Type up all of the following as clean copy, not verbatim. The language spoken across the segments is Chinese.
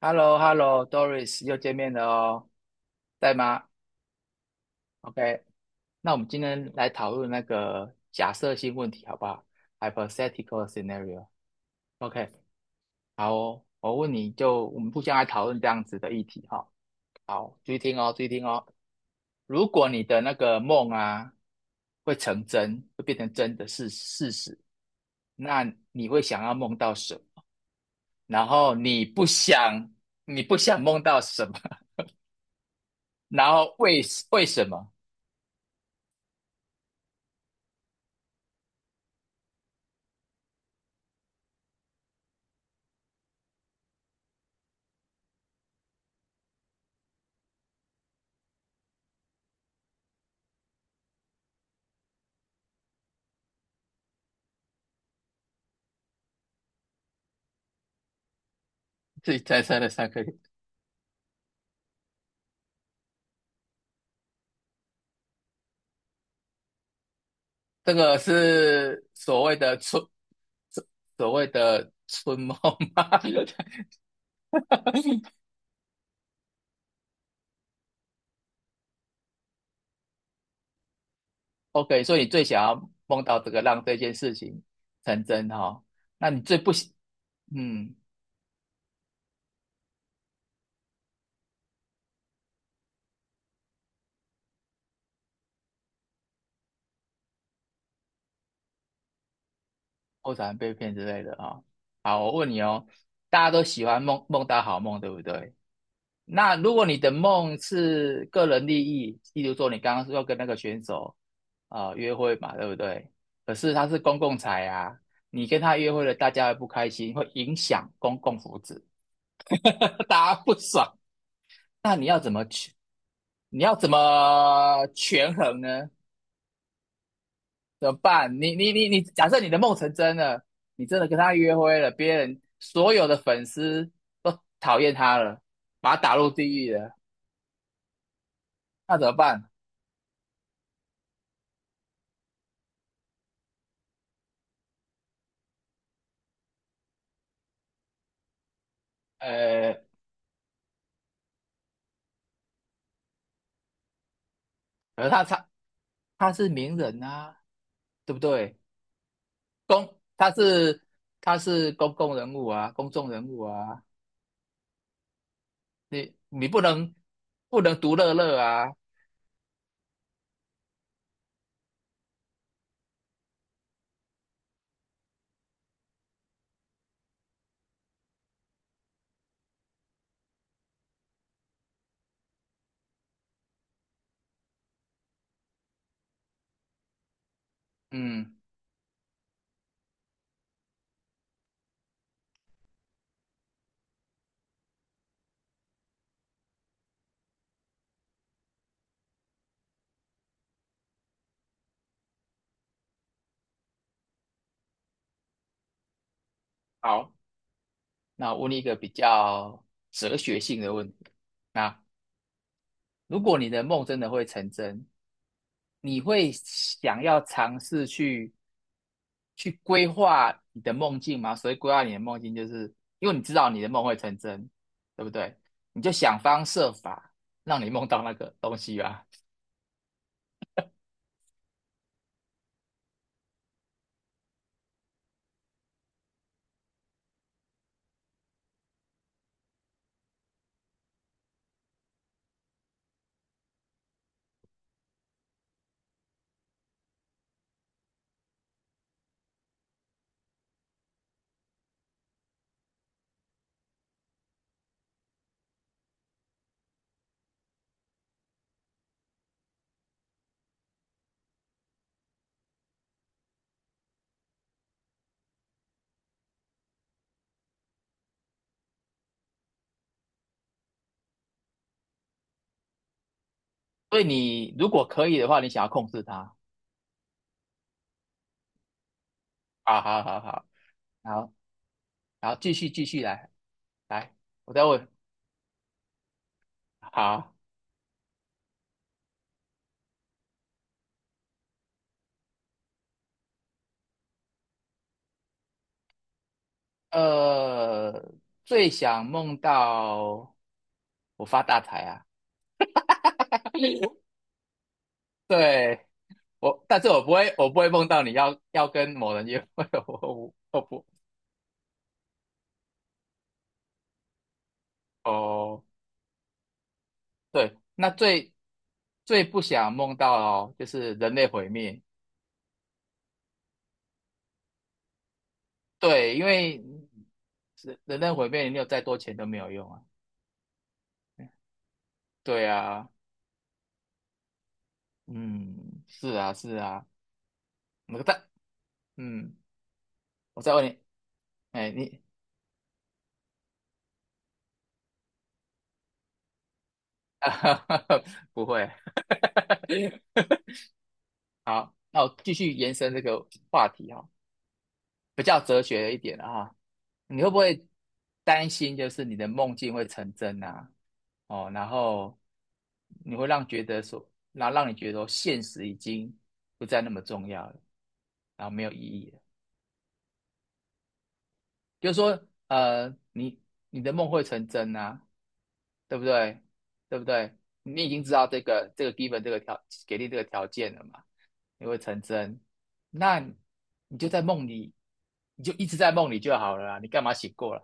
h e l l o h e l l o d o r i s 又见面了哦，在吗？OK，那我们今天来讨论那个假设性问题，好不好？Hypothetical scenario。OK，好哦，我问你就我们互相来讨论这样子的议题哈、好，注意听哦，注意听哦。如果你的那个梦啊会成真，会变成真的事实，那你会想要梦到什么？然后你不想，你不想梦到什么？然后为什么？自己再生的三颗，这个是所谓的春，所所谓的春梦吗 ？OK，所以你最想要梦到这个让这件事情成真哈、哦？那你最不喜，嗯，喜欢被骗之类的哈、哦好，我问你哦，大家都喜欢梦到好梦，对不对？那如果你的梦是个人利益，例如说你刚刚说要跟那个选手啊、约会嘛，对不对？可是他是公共财啊，你跟他约会了，大家会不开心，会影响公共福祉，大家不爽。那你要怎么去？你要怎么权衡呢？怎么办？你，假设你的梦成真了，你真的跟他约会了，别人所有的粉丝都讨厌他了，把他打入地狱了，那怎么办？呃，可是他他是名人啊，对不对？公，他是公共人物啊，公众人物啊，你不能不能独乐乐啊。嗯，好，那我问你一个比较哲学性的问题。那如果你的梦真的会成真，你会想要尝试去去规划你的梦境吗？所以规划你的梦境，就是因为你知道你的梦会成真，对不对？你就想方设法让你梦到那个东西吧。所以你如果可以的话，你想要控制它。好好好好，好，好，继续来来，我再问。好，呃，最想梦到我发大财啊！对，我，但是我不会，我不会梦到你要跟某人约会，我不哦，对，那最不想梦到哦，就是人类毁灭，对，因为人类毁灭，你有再多钱都没有用啊，对啊，嗯，是啊，是啊，那个但嗯，我再问你，哎，你 不会，好，那我继续延伸这个话题哦。比较哲学一点啊，你会不会担心就是你的梦境会成真啊？哦，然后你会让觉得说，然后让你觉得说现实已经不再那么重要了，然后没有意义了。就是说，呃，你你的梦会成真啊，对不对？对不对？你已经知道这个 given 这个条给定这个条件了嘛，你会成真，那你就在梦里，你就一直在梦里就好了啊，你干嘛醒过来？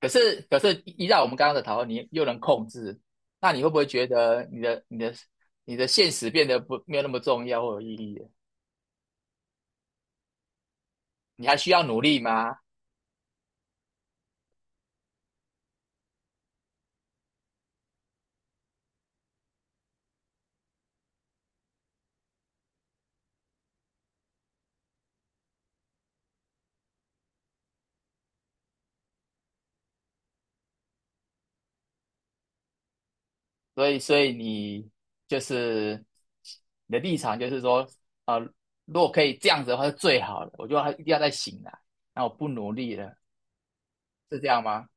可是依照我们刚刚的讨论，你又能控制，那你会不会觉得你的现实变得不没有那么重要或有意义了？你还需要努力吗？所以你就是你的立场就是说，啊、如果可以这样子的话是最好的，我就还一定要再醒来，那我不努力了，是这样吗？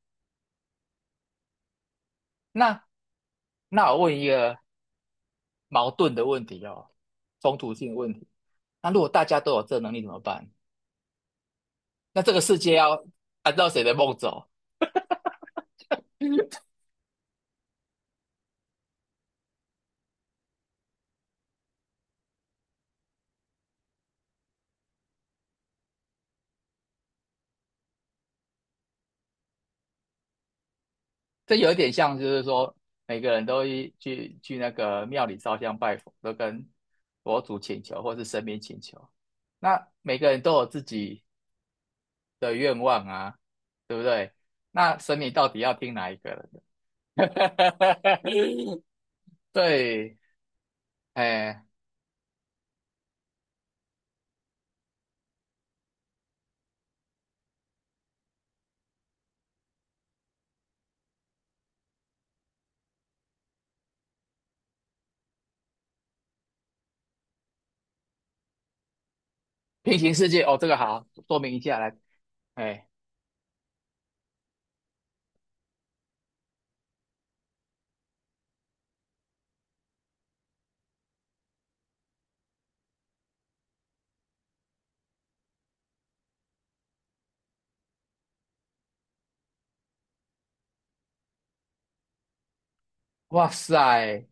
那我问一个矛盾的问题哦，冲突性的问题，那如果大家都有这能力怎么办？那这个世界要按照谁的梦走？这有点像，就是说每个人都一去那个庙里烧香拜佛，都跟佛祖请求或是神明请求。那每个人都有自己的愿望啊，对不对？那神明到底要听哪一个人的？对，哎，平行世界哦，这个好，说明一下来，哎，哇塞，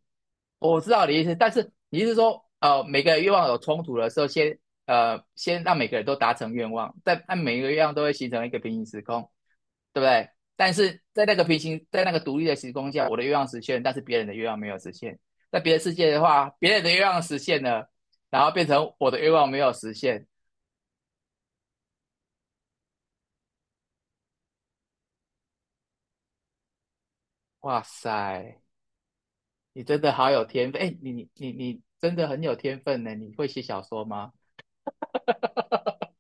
我知道你的意思，但是你是说，呃，每个愿望有冲突的时候，先先让每个人都达成愿望，但但每个愿望都会形成一个平行时空，对不对？但是在那个平行，在那个独立的时空下，我的愿望实现了但是别人的愿望没有实现。在别的世界的话，别人的愿望实现了，然后变成我的愿望没有实现。哇塞，你真的好有天分！哎，你真的很有天分呢！你会写小说吗？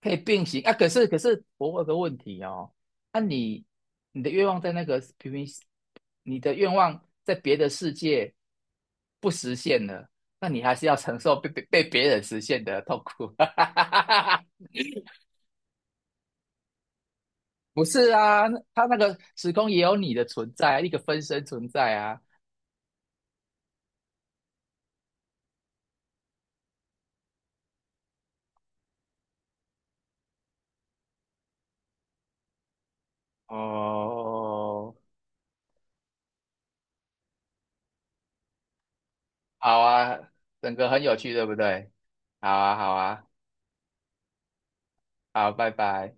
可以并行啊。可是我有个问题哦，那、啊你你的愿望在那个平行，你的愿望在别的世界不实现了，那你还是要承受被别人实现的痛苦。不是啊，他那个时空也有你的存在啊，一个分身存在啊。哦，好啊，整个很有趣，对不对？好啊，好啊，好，拜拜。